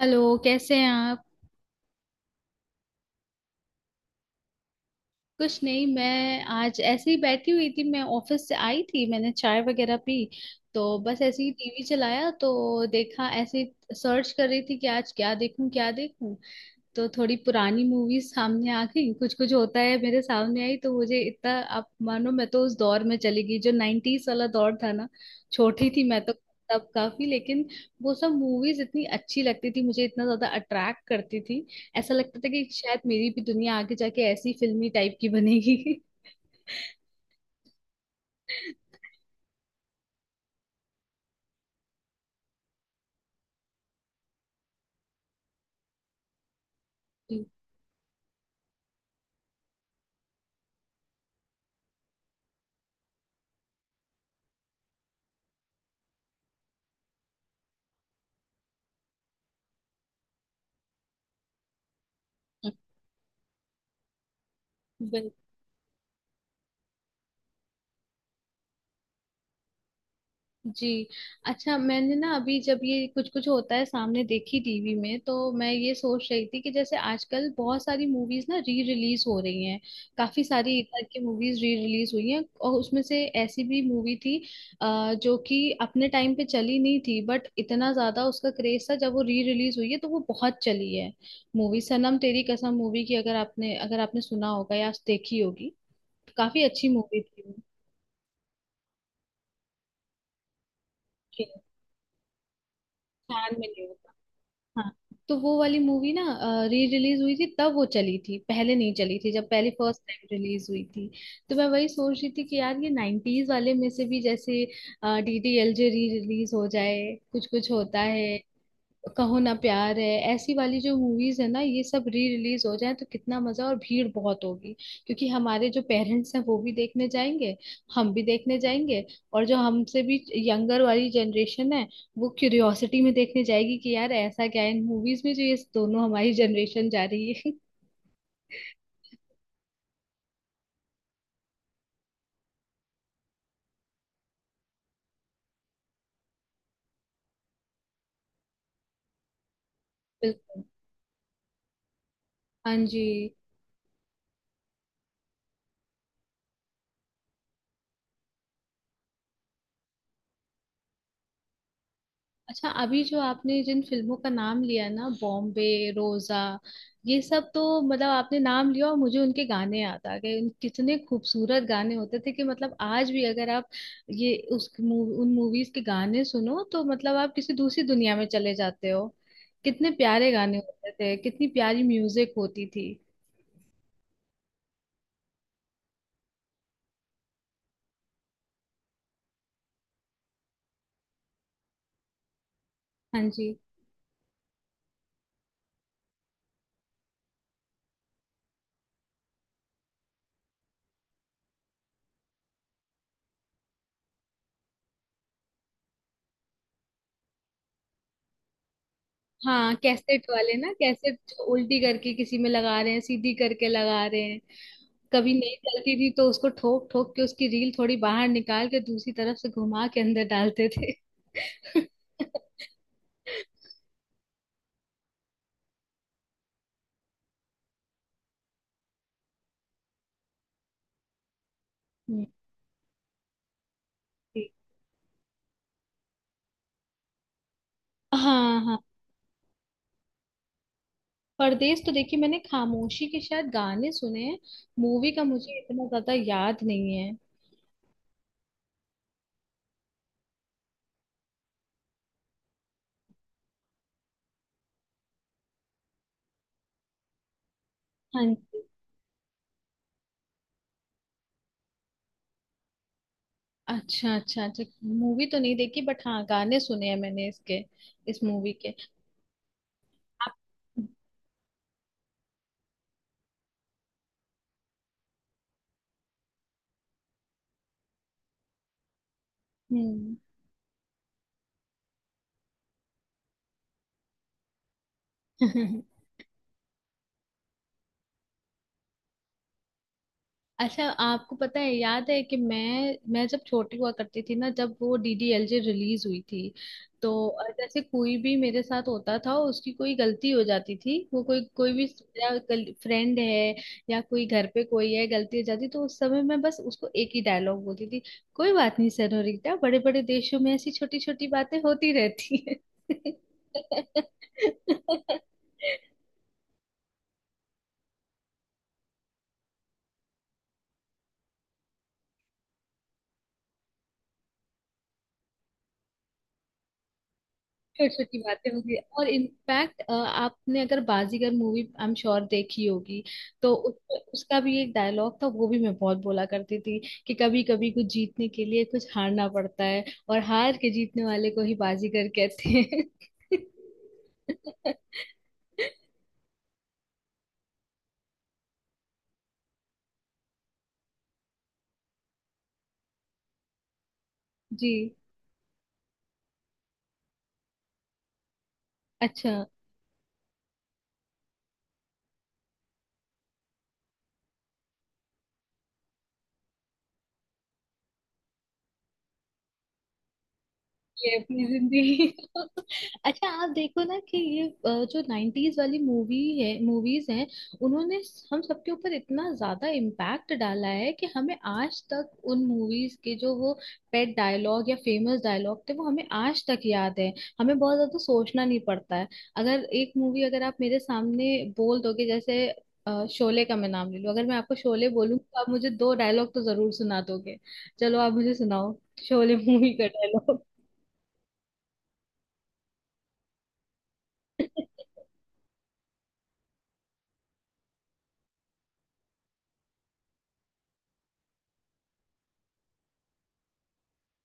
Hello, कैसे हैं आप। कुछ नहीं, मैं आज ऐसे ही बैठी हुई थी। मैं ऑफिस से आई थी, मैंने चाय वगैरह पी। तो बस ऐसे ही टीवी चलाया, तो देखा ऐसे सर्च कर रही थी कि आज क्या देखूं क्या देखूं। तो थोड़ी पुरानी मूवीज सामने आ गई। कुछ कुछ होता है मेरे सामने आई तो मुझे इतना, आप मानो मैं तो उस दौर में चली गई जो नाइन्टीज वाला दौर था ना। छोटी थी मैं तो तब, काफी लेकिन वो सब मूवीज इतनी अच्छी लगती थी मुझे, इतना ज्यादा अट्रैक्ट करती थी। ऐसा लगता था कि शायद मेरी भी दुनिया आगे जाके ऐसी फिल्मी टाइप की बनेगी। बिल्कुल। जी। अच्छा, मैंने ना अभी जब ये कुछ कुछ होता है सामने देखी टीवी में, तो मैं ये सोच रही थी कि जैसे आजकल बहुत सारी मूवीज ना री रिलीज हो रही हैं। काफी सारी इधर की मूवीज री रिलीज हुई हैं, और उसमें से ऐसी भी मूवी थी जो कि अपने टाइम पे चली नहीं थी, बट इतना ज्यादा उसका क्रेज था जब वो री रिलीज हुई है तो वो बहुत चली है। मूवी सनम तेरी कसम मूवी की, अगर आपने सुना होगा या देखी होगी। काफी अच्छी मूवी थी वो। छान में नहीं। हाँ, तो वो वाली मूवी ना री रिलीज हुई थी तब वो चली थी, पहले नहीं चली थी जब पहली फर्स्ट टाइम रिलीज हुई थी। तो मैं वही सोच रही थी कि यार ये नाइन्टीज वाले में से भी जैसे D D L J re release हो जाए, कुछ कुछ होता है, कहो ना प्यार है, ऐसी वाली जो मूवीज है ना ये सब री रिलीज हो जाए तो कितना मजा, और भीड़ बहुत होगी। क्योंकि हमारे जो पेरेंट्स हैं वो भी देखने जाएंगे, हम भी देखने जाएंगे, और जो हमसे भी यंगर वाली जनरेशन है वो क्यूरियोसिटी में देखने जाएगी कि यार ऐसा क्या है इन मूवीज में जो ये दोनों हमारी जनरेशन जा रही है। बिल्कुल। हाँ जी। अच्छा, अभी जो आपने जिन फिल्मों का नाम लिया ना, बॉम्बे, रोजा, ये सब तो मतलब आपने नाम लिया और मुझे उनके गाने याद आ गए। उन कितने खूबसूरत गाने होते थे कि मतलब आज भी अगर आप ये उन मूवीज के गाने सुनो तो मतलब आप किसी दूसरी दुनिया में चले जाते हो। कितने प्यारे गाने होते थे, कितनी प्यारी म्यूजिक होती थी। हाँ जी। हाँ कैसेट वाले ना, कैसेट जो उल्टी करके किसी में लगा रहे हैं, सीधी करके लगा रहे हैं, कभी नहीं चलती थी तो उसको ठोक ठोक के उसकी रील थोड़ी बाहर निकाल के दूसरी तरफ से घुमा के अंदर डालते थे। हम्म। ठीक। हाँ हाँ। परदेश तो देखिए मैंने, खामोशी के शायद गाने सुने हैं, मूवी का मुझे इतना ज्यादा याद नहीं है। हाँ जी। अच्छा अच्छा अच्छा, मूवी तो नहीं देखी बट हाँ गाने सुने हैं मैंने इसके, इस मूवी के। आप। हम्म। अच्छा, आपको पता है याद है कि मैं जब छोटी हुआ करती थी ना, जब वो डीडीएलजे रिलीज हुई थी, तो जैसे कोई भी मेरे साथ होता था उसकी कोई गलती हो जाती थी, वो कोई कोई भी मेरा फ्रेंड है या कोई घर पे कोई है गलती हो जाती, तो उस समय मैं बस उसको एक ही डायलॉग बोलती थी, कोई बात नहीं सेनोरिटा, बड़े बड़े देशों में ऐसी छोटी छोटी बातें होती रहती है। छोटी छोटी बातें होगी। और इनफैक्ट आपने अगर Baazigar movie I am sure देखी होगी, तो उसका भी एक डायलॉग था वो भी मैं बहुत बोला करती थी, कि कभी कभी कुछ जीतने के लिए कुछ हारना पड़ता है और हार के जीतने वाले को ही बाजीगर कहते हैं। जी। अच्छा ये अपनी जिंदगी। अच्छा, आप देखो ना कि ये जो नाइन्टीज वाली मूवी है, मूवीज हैं, उन्होंने हम सबके ऊपर इतना ज्यादा इम्पैक्ट डाला है कि हमें आज तक उन मूवीज के जो वो पेट डायलॉग या फेमस डायलॉग थे वो हमें आज तक याद है। हमें बहुत ज्यादा सोचना नहीं पड़ता है। अगर एक मूवी अगर आप मेरे सामने बोल दोगे जैसे, शोले का मैं नाम ले लूं, अगर मैं आपको शोले बोलूँ तो आप मुझे दो डायलॉग तो जरूर सुना दोगे। चलो आप मुझे सुनाओ शोले मूवी का डायलॉग।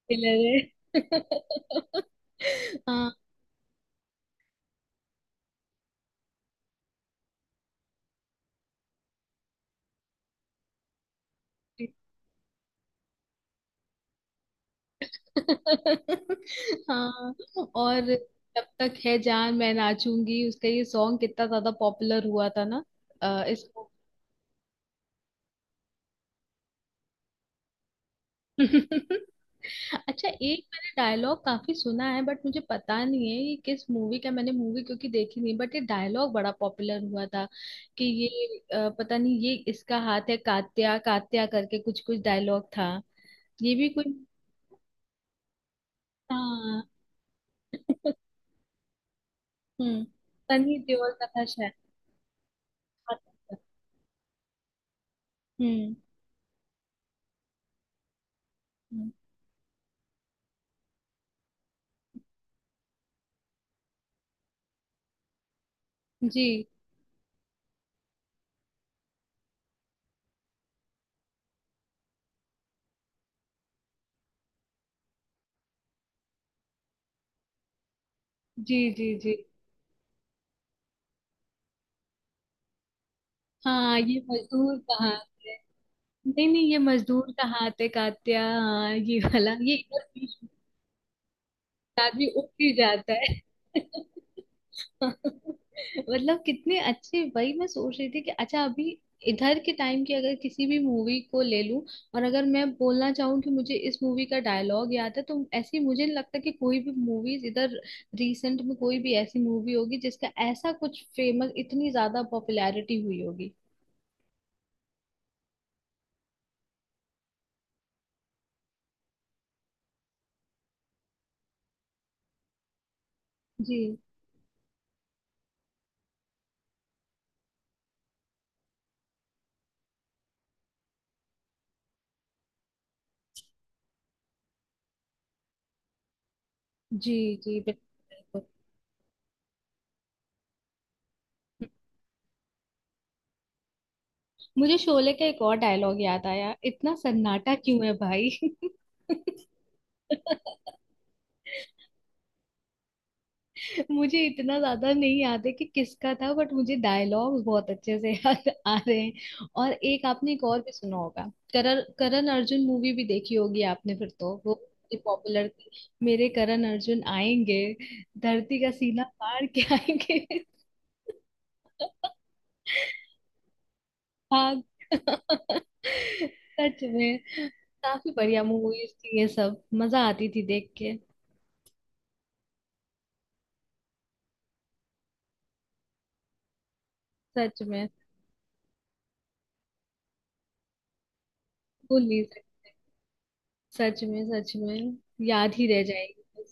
Thriller है। हाँ। हाँ। और जब तक है जान मैं नाचूंगी उसका ये सॉन्ग कितना ज्यादा पॉपुलर हुआ था ना। इसको। अच्छा, एक मैंने डायलॉग काफी सुना है बट मुझे पता नहीं है ये किस मूवी का, मैंने मूवी क्योंकि देखी नहीं बट ये डायलॉग बड़ा पॉपुलर हुआ था कि ये, पता नहीं ये इसका हाथ है कात्या कात्या करके कुछ कुछ डायलॉग था। ये भी कोई, हाँ। हम्म। सनी देओल तथा शहनाज अख्तर। हम्म। हम्म। जी जी जी। जी। हाँ ये मजदूर कहाँ थे। नहीं नहीं ये मजदूर कहाँ थे कात्या, हाँ ये वाला, ये बस बीच में आदमी उठ ही जाता है। मतलब कितने अच्छे, वही मैं सोच रही थी कि अच्छा अभी इधर के टाइम की अगर किसी भी मूवी को ले लूं और अगर मैं बोलना चाहूँ कि मुझे इस मूवी का डायलॉग याद है, तो ऐसी मुझे नहीं लगता कि कोई भी मूवीज इधर रिसेंट में कोई भी ऐसी मूवी होगी जिसका ऐसा कुछ फेमस, इतनी ज्यादा पॉपुलैरिटी हुई होगी। जी जी। जी बिल्कुल। मुझे शोले का एक और डायलॉग याद आया, इतना सन्नाटा क्यों है भाई। मुझे इतना ज्यादा नहीं याद है कि किसका था बट मुझे डायलॉग्स बहुत अच्छे से याद आ रहे हैं। और एक आपने, एक और भी सुना होगा, करण करण अर्जुन मूवी भी देखी होगी आपने, फिर तो वो पॉपुलर थी। मेरे करण अर्जुन आएंगे, धरती का सीना फाड़ के आएंगे। हाँ। सच में काफी बढ़िया मूवीज थी ये सब, मजा आती थी देख के। सच में। भूल नहीं सकती। सच में सच में, याद ही रह जाएगी।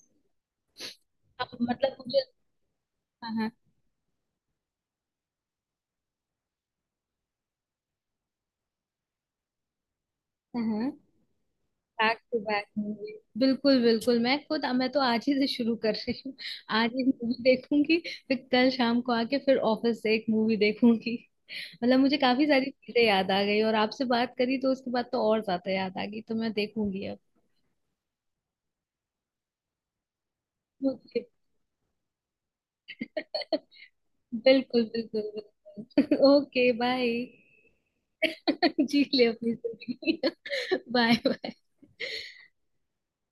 अब मतलब मुझे, हाँ हाँ। हाँ, बैक टू बैक मूवी। बिल्कुल बिल्कुल, मैं खुद मैं तो आज ही से शुरू कर रही हूँ, आज ही मूवी देखूंगी, फिर कल शाम को आके फिर ऑफिस से एक मूवी देखूंगी। मतलब मुझे काफी सारी चीजें याद आ गई और आपसे बात करी तो उसके बाद तो और ज्यादा याद आ गई, तो मैं देखूंगी अब। ओके। बिल्कुल बिल्कुल बिल्कुल। Okay bye. जी ले अपनी जिंदगी। Bye bye.